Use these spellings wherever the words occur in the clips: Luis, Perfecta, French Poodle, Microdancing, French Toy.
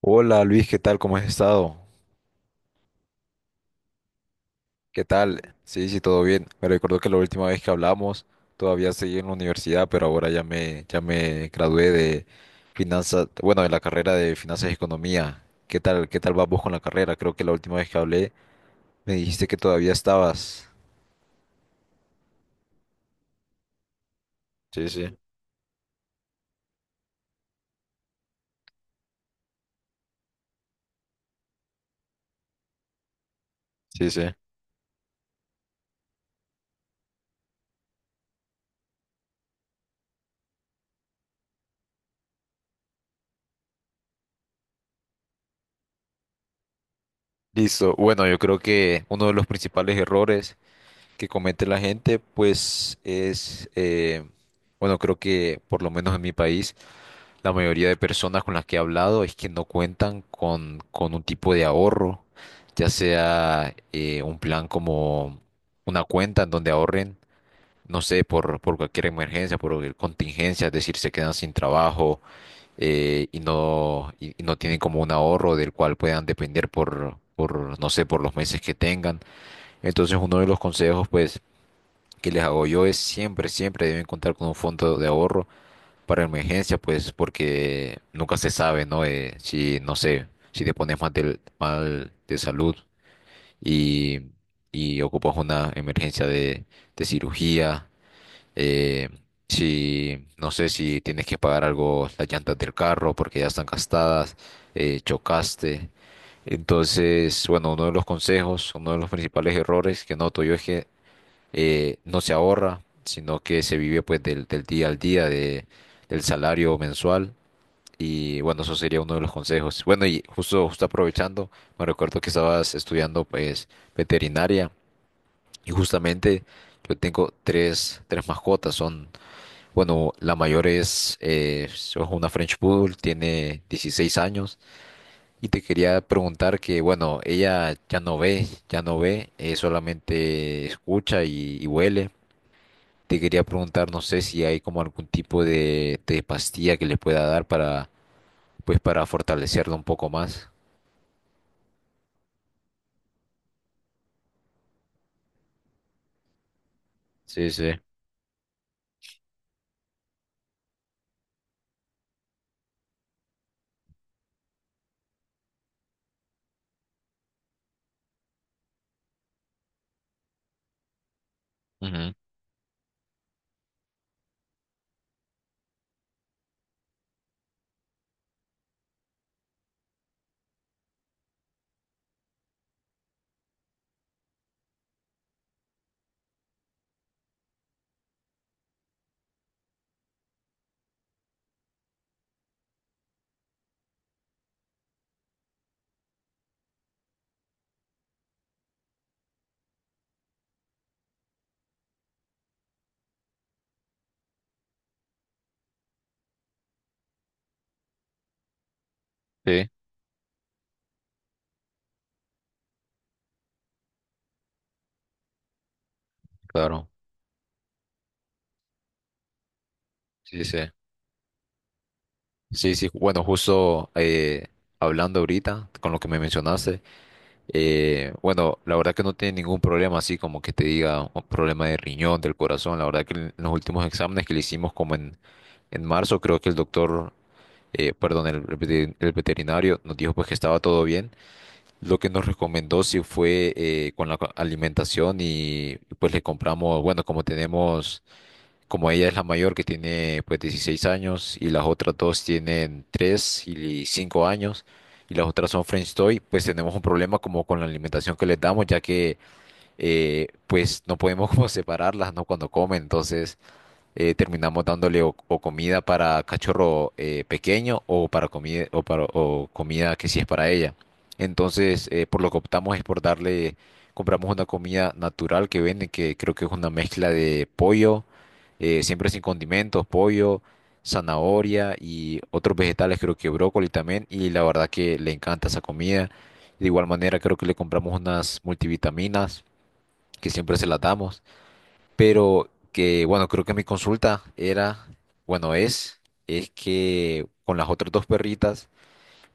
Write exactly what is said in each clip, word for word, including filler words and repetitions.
Hola Luis, ¿qué tal? ¿Cómo has estado? ¿Qué tal? Sí, sí, todo bien. Me recuerdo que la última vez que hablamos todavía seguí en la universidad, pero ahora ya me, ya me gradué de finanzas, bueno, de la carrera de finanzas y economía. ¿Qué tal? ¿Qué tal vas vos con la carrera? Creo que la última vez que hablé me dijiste que todavía estabas. Sí, sí, sí, sí. Listo. Bueno, yo creo que uno de los principales errores que comete la gente, pues, es, eh, bueno, creo que por lo menos en mi país, la mayoría de personas con las que he hablado es que no cuentan con, con un tipo de ahorro, ya sea eh, un plan como una cuenta en donde ahorren, no sé, por, por cualquier emergencia, por cualquier contingencia, es decir, se quedan sin trabajo, eh, y no, y, y no tienen como un ahorro del cual puedan depender por, por, no sé, por los meses que tengan. Entonces, uno de los consejos, pues, que les hago yo es siempre, siempre deben contar con un fondo de ahorro para emergencia, pues porque nunca se sabe, ¿no? Eh, si, no sé, si te pones mal de mal de salud y, y ocupas una emergencia de, de cirugía, eh, si, no sé, si tienes que pagar algo, las llantas del carro porque ya están gastadas, eh, chocaste. Entonces, bueno, uno de los consejos, uno de los principales errores que noto yo es que eh, no se ahorra, sino que se vive pues del, del día al día, de, del salario mensual. Y bueno, eso sería uno de los consejos. Bueno, y justo, justo aprovechando, me recuerdo que estabas estudiando pues veterinaria y justamente yo tengo tres, tres mascotas. Son, bueno, la mayor es, eh, es una French Poodle, tiene dieciséis años. Y te quería preguntar que, bueno, ella ya no ve, ya no ve, eh, solamente escucha y y huele. Te quería preguntar, no sé si hay como algún tipo de, de pastilla que le pueda dar para, pues, para fortalecerlo un poco más. Sí, sí. Ujú, sí, claro. Sí, sí. Sí, sí. Bueno, justo eh, hablando ahorita con lo que me mencionaste, eh, bueno, la verdad que no tiene ningún problema así como que te diga un problema de riñón, del corazón. La verdad que en los últimos exámenes que le hicimos como en, en marzo, creo que el doctor, eh, perdón, el, el veter- el veterinario nos dijo pues que estaba todo bien. Lo que nos recomendó sí fue, eh, con la co- alimentación y pues le compramos, bueno, como tenemos, como ella es la mayor que tiene pues dieciséis años y las otras dos tienen tres y cinco años y las otras son French Toy, pues tenemos un problema como con la alimentación que les damos ya que, eh, pues no podemos como separarlas, ¿no? Cuando comen, entonces eh, terminamos dándole o, o comida para cachorro, eh, pequeño o para comida o para o comida que sí es para ella. Entonces, eh, por lo que optamos es por darle, compramos una comida natural que venden, que creo que es una mezcla de pollo, eh, siempre sin condimentos, pollo, zanahoria y otros vegetales, creo que brócoli también, y la verdad que le encanta esa comida. De igual manera, creo que le compramos unas multivitaminas que siempre se las damos. Pero que, bueno, creo que mi consulta era, bueno, es, es que con las otras dos perritas,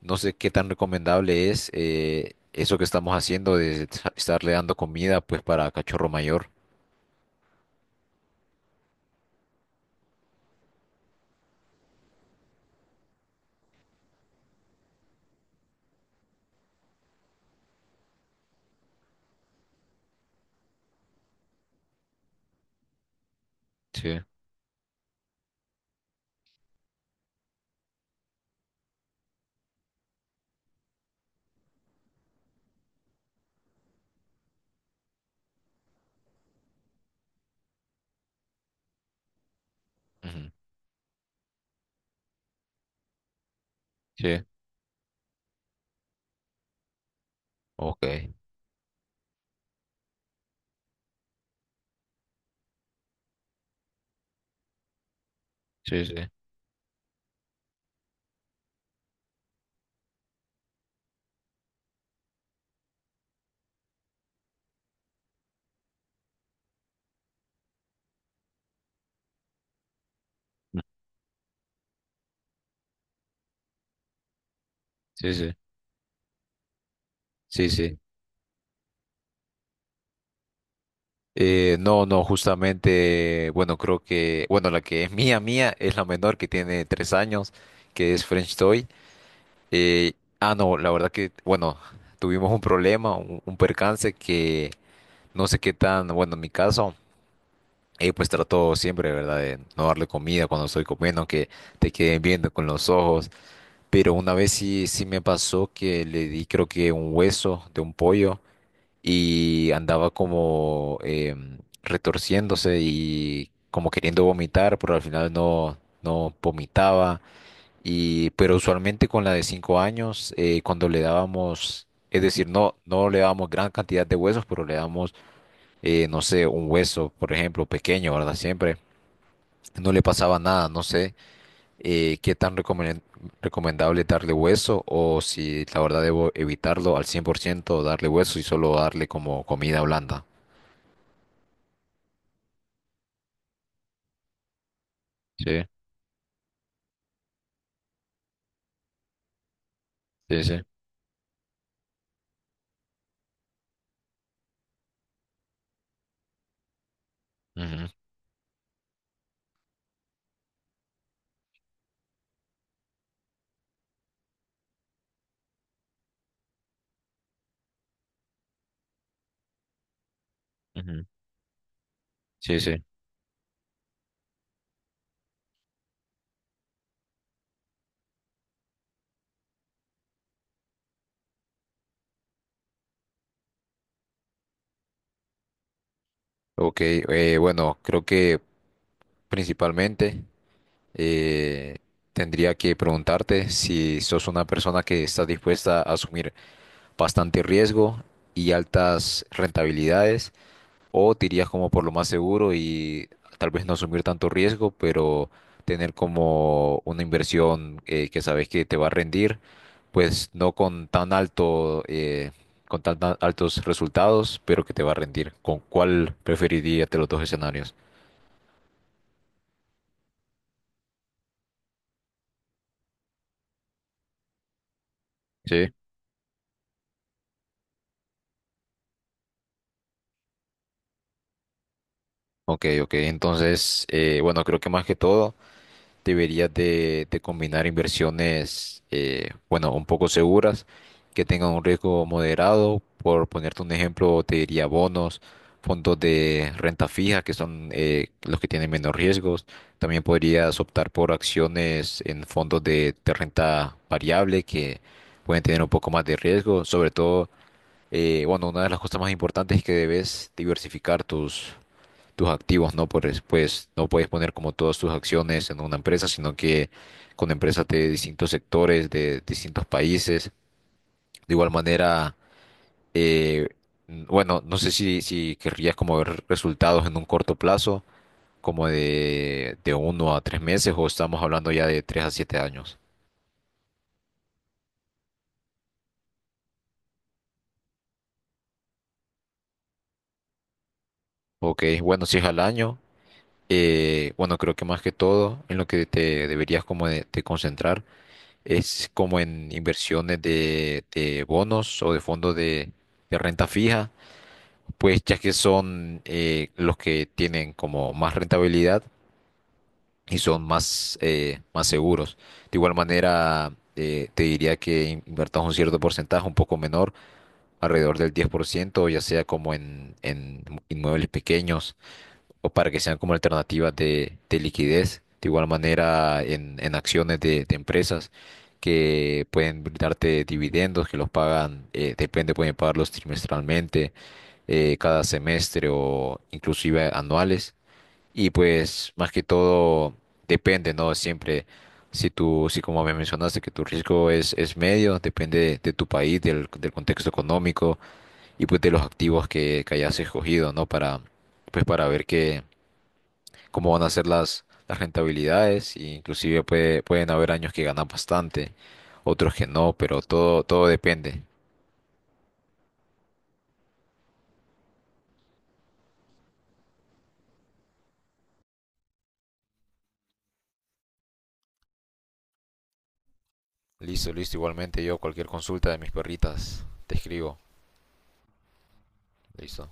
no sé qué tan recomendable es, eh, eso que estamos haciendo de sa- estarle dando comida, pues, para cachorro mayor. Sí, ujú, sí, ok, sí, sí, mm, sí, sí, sí, sí. Eh, no, no, justamente, bueno, creo que, bueno, la que es mía, mía, es la menor que tiene tres años, que es French Toy. Eh, ah, no, la verdad que, bueno, tuvimos un problema, un, un percance que no sé qué tan, bueno, en mi caso, eh, pues trato siempre, ¿verdad?, de no darle comida cuando estoy comiendo, que te queden viendo con los ojos. Pero una vez sí, sí me pasó que le di, creo que un hueso de un pollo y andaba como em, retorciéndose y como queriendo vomitar, pero al final no, no vomitaba. Y, pero usualmente con la de cinco años, eh, cuando le dábamos, es decir, no, no le dábamos gran cantidad de huesos, pero le dábamos, eh, no sé, un hueso, por ejemplo, pequeño, ¿verdad? Siempre no le pasaba nada, no sé, eh, qué tan recomen- recomendable darle hueso o si la verdad debo evitarlo al cien por ciento darle hueso y solo darle como comida blanda. Sí, sí, sí. Ujú, ujú. Sí, sí. Ok, eh, bueno, creo que principalmente. eh, Tendría que preguntarte si sos una persona que está dispuesta a asumir bastante riesgo y altas rentabilidades, o te irías como por lo más seguro y tal vez no asumir tanto riesgo, pero tener como una inversión, eh, que sabes que te va a rendir, pues no con tan alto, eh, con tan tan altos resultados, pero que te va a rendir. ¿Con cuál preferirías de los dos escenarios? Sí. Ok, ok. Entonces, eh, bueno, creo que más que todo deberías de, de combinar inversiones, eh, bueno, un poco seguras, que tengan un riesgo moderado. Por ponerte un ejemplo, te diría bonos, fondos de renta fija, que son, eh, los que tienen menos riesgos. También podrías optar por acciones en fondos de, de renta variable, que pueden tener un poco más de riesgo. Sobre todo, eh, bueno, una de las cosas más importantes es que debes diversificar tus tus activos, ¿no? Por, es- pues no puedes poner como todas tus acciones en una empresa, sino que con empresas de distintos sectores, de distintos países. De igual manera, eh, n- bueno, no sé si, si querrías como ver resultados en un corto plazo, como de, de uno a tres meses, o estamos hablando ya de tres a siete años. Ok, bueno, si es al año, eh, bueno, creo que más que todo en lo que te deberías como de de concentrar es como en inversiones de, de bonos o de fondos de, de renta fija, pues ya que son, eh, los que tienen como más rentabilidad y son más, eh, más seguros. De igual manera, eh, te diría que in- inviertas un cierto porcentaje, un poco menor, alrededor del diez por ciento ya sea como en, en, inmuebles pequeños o para que sean como alternativas de, de liquidez, de igual manera en, en acciones de, de empresas que pueden brindarte dividendos, que los pagan, eh, depende, pueden pagarlos trimestralmente, eh, cada semestre o inclusive anuales. Y pues más que todo depende, ¿no? Siempre, si tú, si como me mencionaste que tu riesgo es, es medio, depende de, de tu país, del, del contexto económico y pues de los activos que, que hayas escogido, ¿no? Para, pues para ver qué cómo van a ser las, las, rentabilidades, e inclusive puede, pueden haber años que ganan bastante, otros que no, pero todo, todo depende. Listo, listo, igualmente yo cualquier consulta de mis perritas, te escribo. Listo.